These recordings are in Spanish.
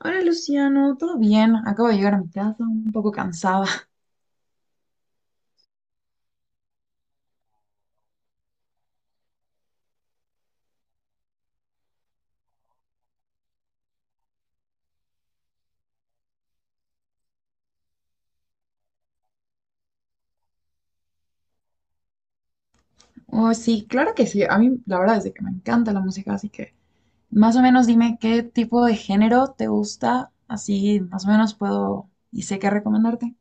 Hola Luciano, ¿todo bien? Acabo de llegar a mi casa, un poco cansada. Oh, sí, claro que sí. A mí la verdad es que me encanta la música, así que más o menos dime qué tipo de género te gusta, así más o menos puedo y sé qué recomendarte.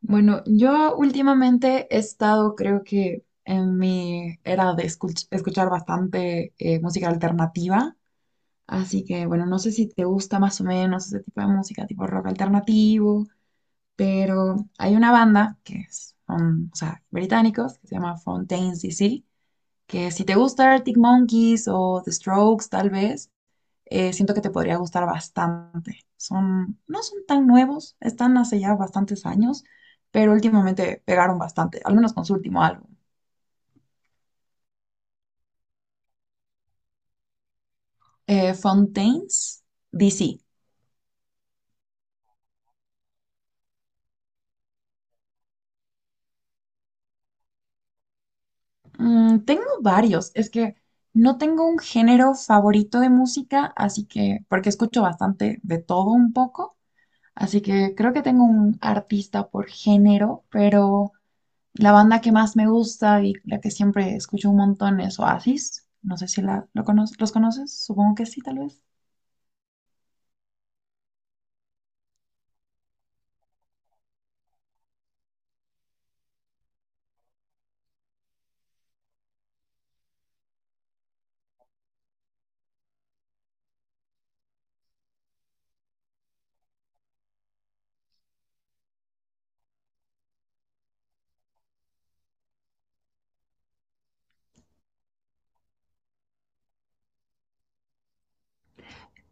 Bueno, yo últimamente he estado, creo que en mi era de escuchar bastante música alternativa, así que bueno, no sé si te gusta más o menos ese tipo de música, tipo rock alternativo, pero hay una banda que es, son, o sea, británicos, que se llama Fontaine's DC, que si te gusta Arctic Monkeys o The Strokes, tal vez, siento que te podría gustar bastante. Son, no son tan nuevos, están hace ya bastantes años, pero últimamente pegaron bastante, al menos con su último álbum. Fontaine's DC. Tengo varios, es que no tengo un género favorito de música, así que, porque escucho bastante de todo un poco. Así que creo que tengo un artista por género, pero la banda que más me gusta y la que siempre escucho un montón es Oasis. No sé si los conoces, supongo que sí, tal vez.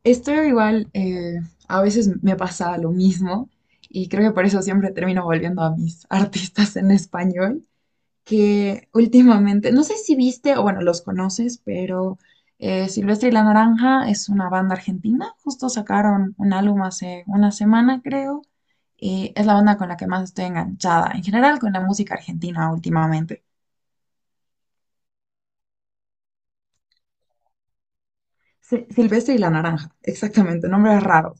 Estoy igual, a veces me pasa lo mismo y creo que por eso siempre termino volviendo a mis artistas en español, que últimamente, no sé si viste, o bueno, los conoces, pero Silvestre y la Naranja es una banda argentina, justo sacaron un álbum hace una semana, creo, y es la banda con la que más estoy enganchada, en general con la música argentina últimamente. Silvestre y la Naranja, exactamente, nombre raro.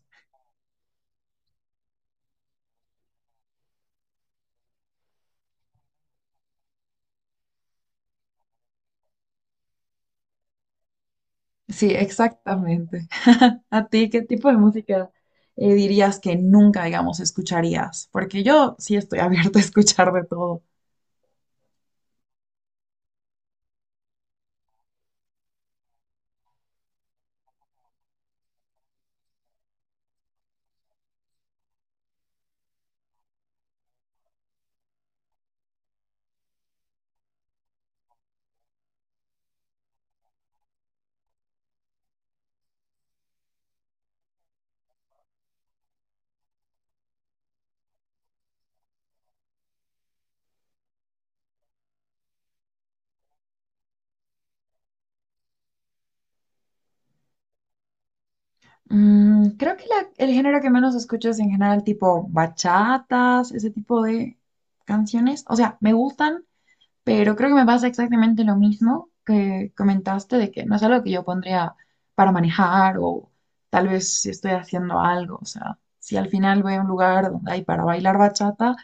Sí, exactamente. ¿A ti qué tipo de música dirías que nunca, digamos, escucharías? Porque yo sí estoy abierta a escuchar de todo. Creo que el género que menos escucho es en general tipo bachatas, ese tipo de canciones. O sea, me gustan, pero creo que me pasa exactamente lo mismo que comentaste, de que no es algo que yo pondría para manejar o tal vez si estoy haciendo algo. O sea, si al final voy a un lugar donde hay para bailar bachata,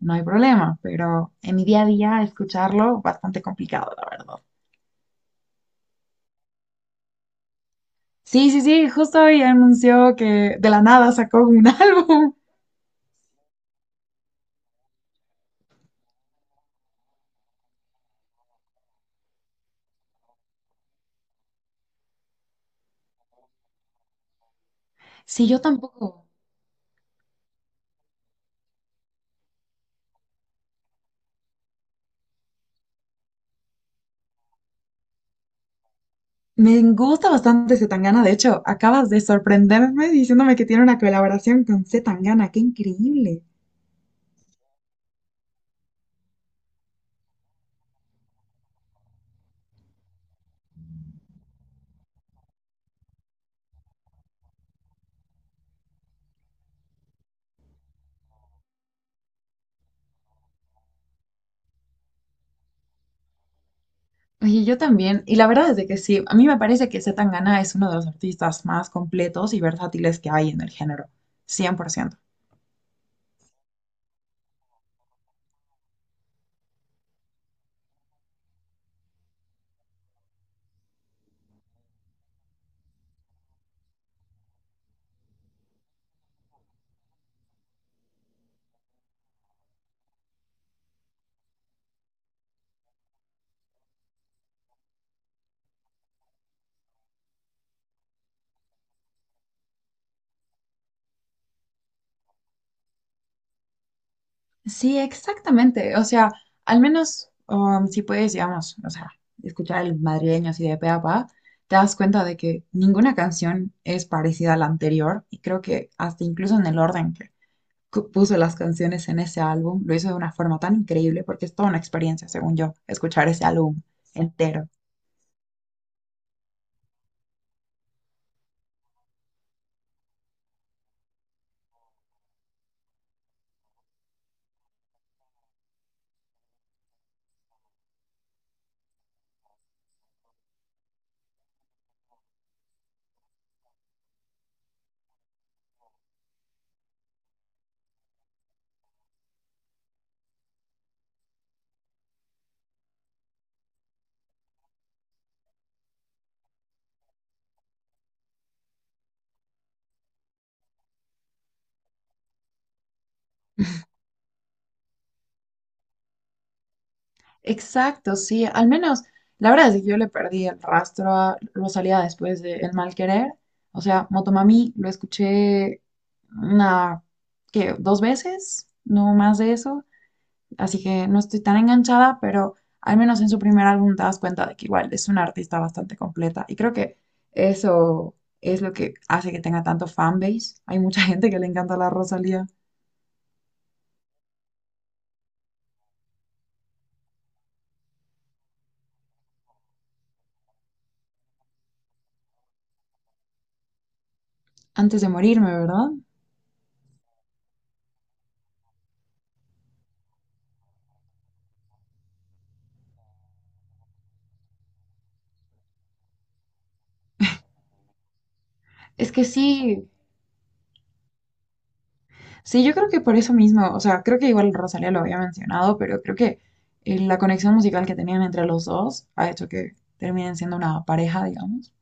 no hay problema, pero en mi día a día escucharlo bastante complicado, la verdad. Sí, sí, sí, justo hoy anunció que de la nada sacó un álbum. Sí, yo tampoco. Me gusta bastante Zetangana. De hecho, acabas de sorprenderme diciéndome que tiene una colaboración con Zetangana. ¡Qué increíble! Oye, yo también. Y la verdad es de que sí, a mí me parece que Zetangana es uno de los artistas más completos y versátiles que hay en el género. 100%. Sí, exactamente. O sea, al menos si puedes, digamos, o sea, escuchar el madrileño así de pe a pa, te das cuenta de que ninguna canción es parecida a la anterior. Y creo que hasta incluso en el orden que puso las canciones en ese álbum, lo hizo de una forma tan increíble porque es toda una experiencia, según yo, escuchar ese álbum entero. Exacto, sí, al menos la verdad es que yo le perdí el rastro a Rosalía después de El Mal Querer. O sea, Motomami lo escuché una, ¿qué?, dos veces, no más de eso. Así que no estoy tan enganchada, pero al menos en su primer álbum te das cuenta de que igual es una artista bastante completa. Y creo que eso es lo que hace que tenga tanto fanbase. Hay mucha gente que le encanta la Rosalía antes de morirme, ¿verdad? Es que sí. Sí, yo creo que por eso mismo, o sea, creo que igual Rosalía lo había mencionado, pero creo que la conexión musical que tenían entre los dos ha hecho que terminen siendo una pareja, digamos.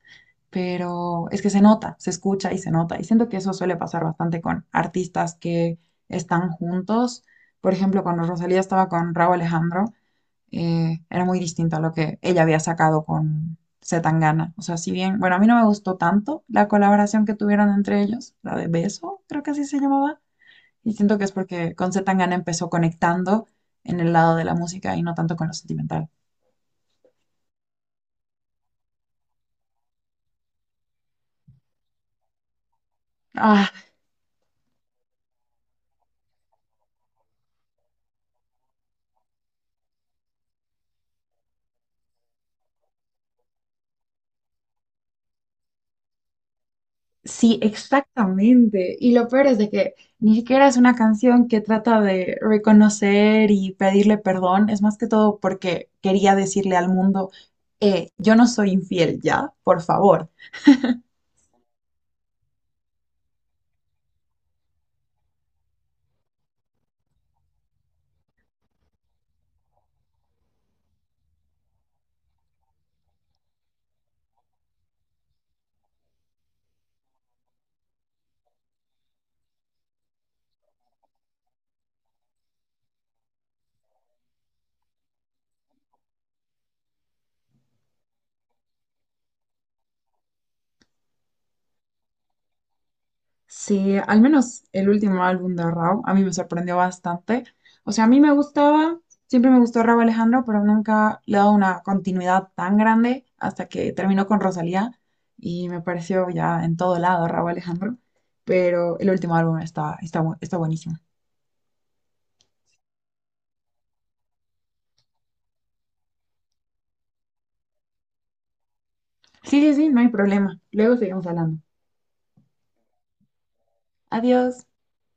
Pero es que se nota, se escucha y se nota. Y siento que eso suele pasar bastante con artistas que están juntos. Por ejemplo, cuando Rosalía estaba con Rauw Alejandro, era muy distinto a lo que ella había sacado con Zetangana. O sea, si bien, bueno, a mí no me gustó tanto la colaboración que tuvieron entre ellos, la de Beso, creo que así se llamaba, y siento que es porque con C. Tangana empezó conectando en el lado de la música y no tanto con lo sentimental. Ah, sí, exactamente. Y lo peor es de que ni siquiera es una canción que trata de reconocer y pedirle perdón, es más que todo porque quería decirle al mundo, yo no soy infiel ya, por favor. Sí, al menos el último álbum de Rauw a mí me sorprendió bastante. O sea, a mí me gustaba, siempre me gustó Rauw Alejandro, pero nunca le he dado una continuidad tan grande hasta que terminó con Rosalía y me pareció ya en todo lado Rauw Alejandro. Pero el último álbum está, está, está buenísimo. Sí, sí, sí, no hay problema. Luego seguimos hablando. Adiós.